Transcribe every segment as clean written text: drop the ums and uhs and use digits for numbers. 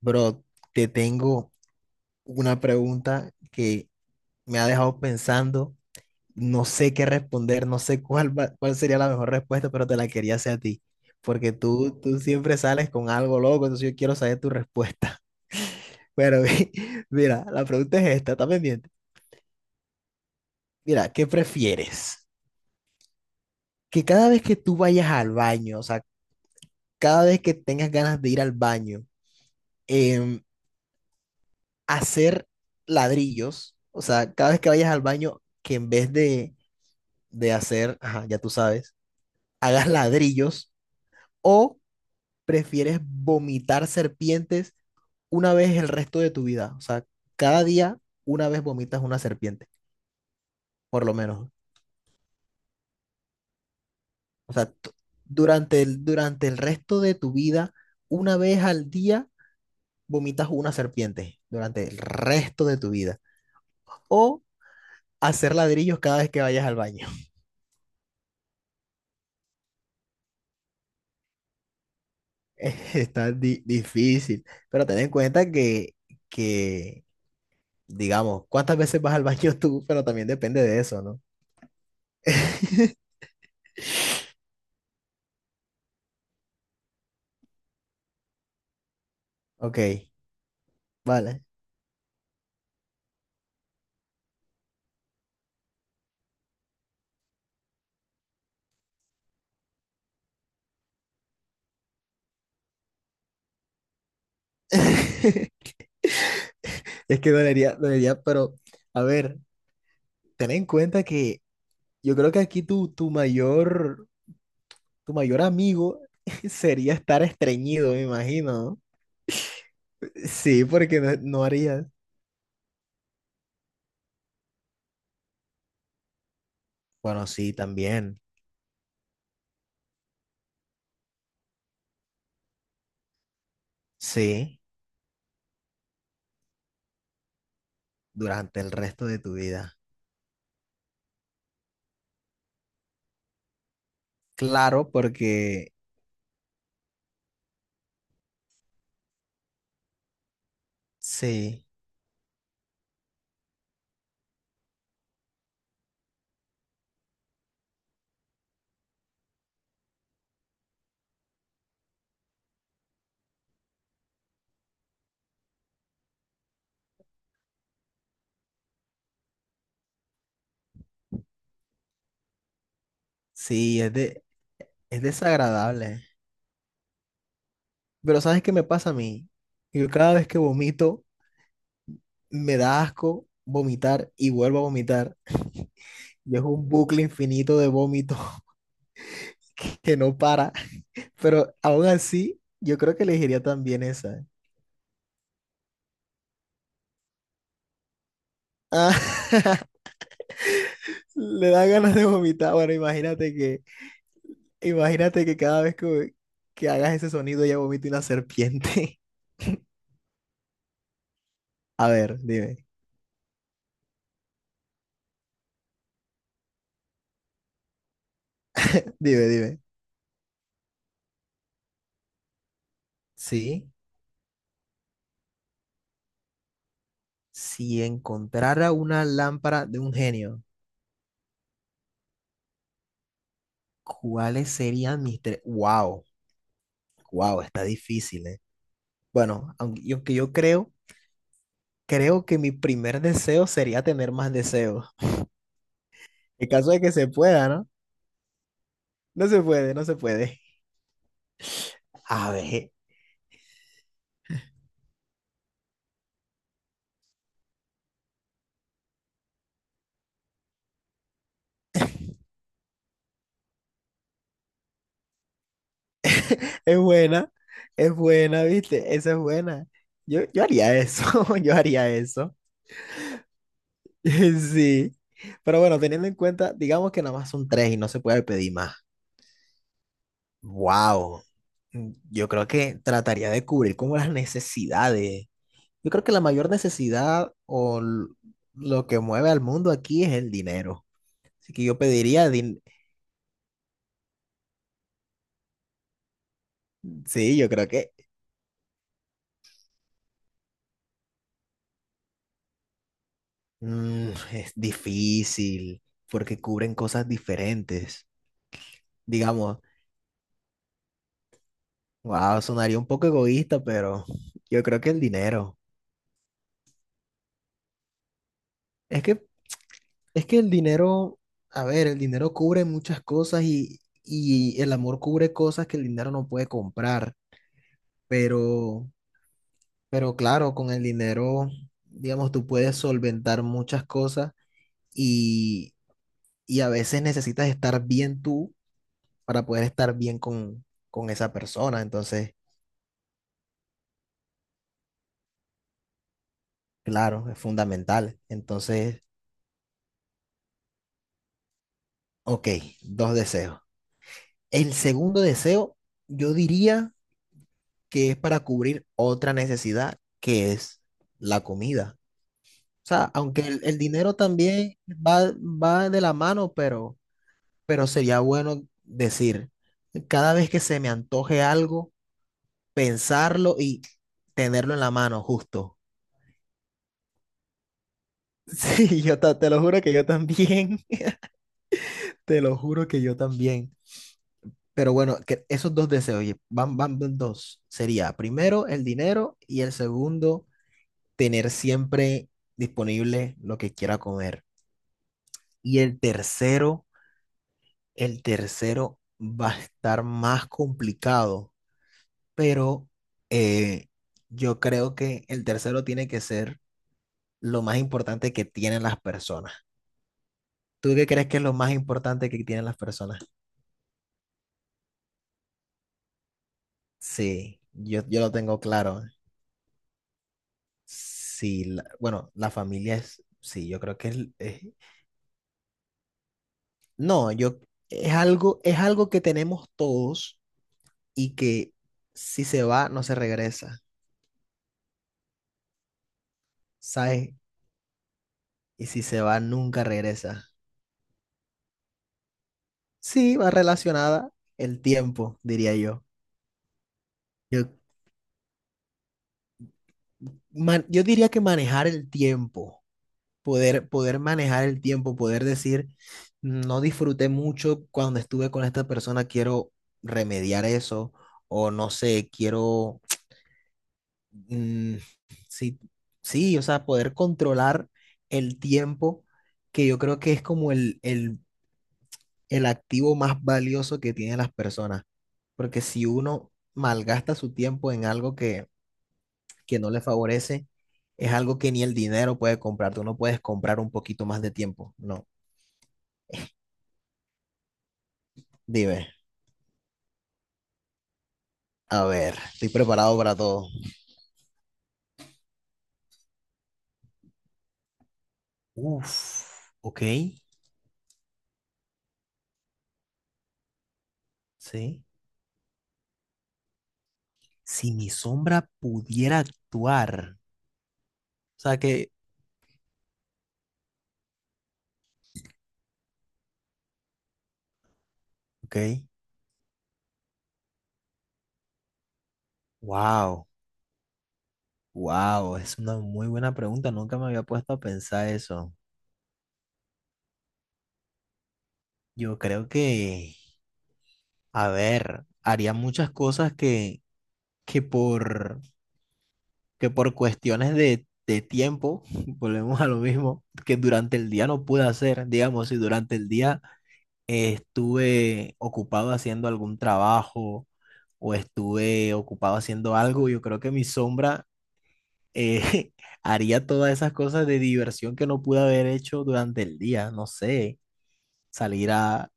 Bro, te tengo una pregunta que me ha dejado pensando. No sé qué responder, no sé cuál sería la mejor respuesta, pero te la quería hacer a ti, porque tú siempre sales con algo loco, entonces yo quiero saber tu respuesta. Pero mi- Mira, la pregunta es esta, está pendiente. Mira, ¿qué prefieres? Que cada vez que tú vayas al baño, o sea, cada vez que tengas ganas de ir al baño, em, hacer ladrillos, o sea, cada vez que vayas al baño, que en vez de hacer, ajá, ya tú sabes, hagas ladrillos o prefieres vomitar serpientes una vez el resto de tu vida. O sea, cada día una vez vomitas una serpiente, por lo menos. O sea, tú- Durante durante el resto de tu vida, una vez al día vomitas una serpiente, durante el resto de tu vida. O hacer ladrillos cada vez que vayas al baño. Está difícil, pero ten en cuenta que digamos, cuántas veces vas al baño tú, pero también depende de eso, ¿no? Ok, vale. Es que dolería, dolería, pero a ver, ten en cuenta que yo creo que aquí tu mayor amigo sería estar estreñido, me imagino. ¿No? Sí, porque no, no harías. Bueno, sí, también. Sí, durante el resto de tu vida. Claro, porque sí, sí, es de, es desagradable. Pero ¿sabes qué me pasa a mí? Yo cada vez que vomito, me da asco vomitar y vuelvo a vomitar. Y es un bucle infinito de vómito que no para. Pero aún así, yo creo que elegiría también esa. Ah, le da ganas de vomitar. Bueno, imagínate que cada vez que hagas ese sonido ya vomita una serpiente. A ver, dime, dime, dime. Sí, si encontrara una lámpara de un genio. ¿Cuáles serían mis tres? Wow, wow, está difícil, ¿eh? Bueno, aunque yo, creo que mi primer deseo sería tener más deseos. En caso de que se pueda, ¿no? No se puede, no se puede. A ver, es buena, es buena, ¿viste? Esa es buena. Yo haría eso, yo haría eso. Sí. Pero bueno, teniendo en cuenta, digamos que nada más son tres y no se puede pedir más. Wow. Yo creo que trataría de cubrir como las necesidades. Yo creo que la mayor lo que mueve al mundo aquí es el dinero. Así que yo sí, yo creo que mm, es difícil porque cubren cosas diferentes. Digamos, wow, sonaría un poco egoísta, pero yo creo que el dinero. Es que, es que el dinero, a ver, el dinero cubre muchas cosas y el amor cubre cosas que el dinero no puede comprar, pero... Pero claro, con el dinero, digamos, tú puedes solventar muchas cosas y, y a veces necesitas estar bien tú para poder estar bien con esa persona. Entonces, claro, es fundamental. Entonces, ok, dos deseos. El segundo deseo, yo diría que es para cubrir otra necesidad, que es la comida. O sea, aunque el dinero también va, va de la mano, pero sería bueno decir, cada vez que se me antoje algo, pensarlo y tenerlo en la mano, justo. Sí, yo te lo juro que yo también, te lo juro que yo también. Pero bueno, que esos dos deseos, oye, van, van dos. Sería primero el dinero y el segundo, tener siempre disponible lo que quiera comer. Y el tercero va a estar más complicado pero eh, yo creo que el tercero tiene que ser lo más importante que tienen las personas. ¿Tú qué crees que es lo más importante que tienen las personas? Sí, yo lo tengo claro. Sí, bueno, la familia es, sí, yo creo que no, yo, es algo que tenemos todos y que si se va, no se regresa, ¿sabes? Y si se va, nunca regresa. Sí, va relacionada el tiempo, diría yo. Yo yo diría que manejar el tiempo, poder, poder manejar el tiempo, poder decir, no disfruté mucho cuando estuve con esta persona, quiero remediar eso, o no sé, quiero, mm, sí, sí, o sea, poder controlar el tiempo, que yo creo que es como el activo más valioso que tienen las personas, porque si uno malgasta su tiempo en algo que no le favorece, es algo que ni el dinero puede comprar. Tú no puedes comprar un poquito más de tiempo. No. Dime. A ver, estoy preparado para todo. Uf, ok. Sí. Si mi sombra pudiera actuar. O sea que, ok. Wow, wow. Es una muy buena pregunta. Nunca me había puesto a pensar eso. Yo creo que, a ver, haría muchas cosas que, que por que por cuestiones de tiempo, volvemos a lo mismo, que durante el día no pude hacer, digamos, si durante el día estuve ocupado haciendo algún trabajo o estuve ocupado haciendo algo, yo creo que mi sombra eh, haría todas esas cosas de diversión que no pude haber hecho durante el día, no sé, salir a,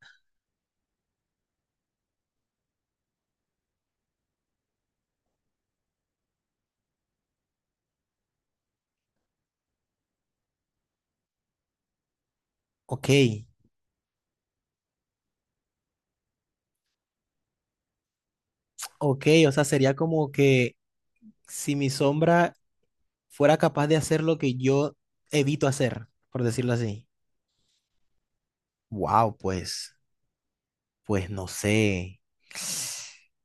ok, ok, o sea, sería como que si mi sombra fuera capaz de hacer lo que yo evito hacer, por decirlo así. Wow, pues, pues no sé.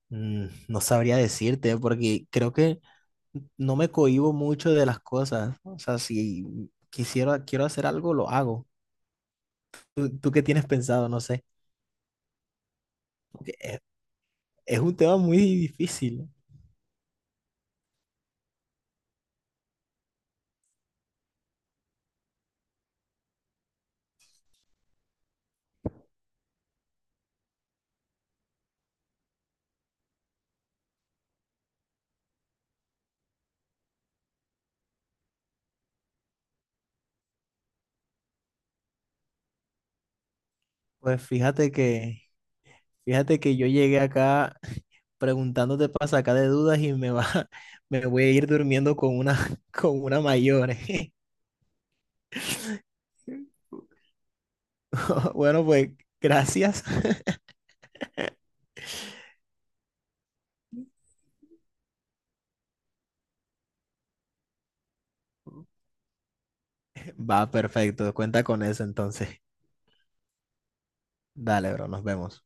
Mm, no sabría decirte porque creo que no me cohíbo mucho de las cosas. O sea, si quisiera, quiero hacer algo, lo hago. Tú qué tienes pensado? No sé. Porque es un tema muy difícil. Pues fíjate que yo llegué acá preguntándote para sacar de dudas y me va, me voy a ir durmiendo con una, con una mayor. Bueno, pues gracias. Va, perfecto. Cuenta con eso entonces. Dale, bro, nos vemos.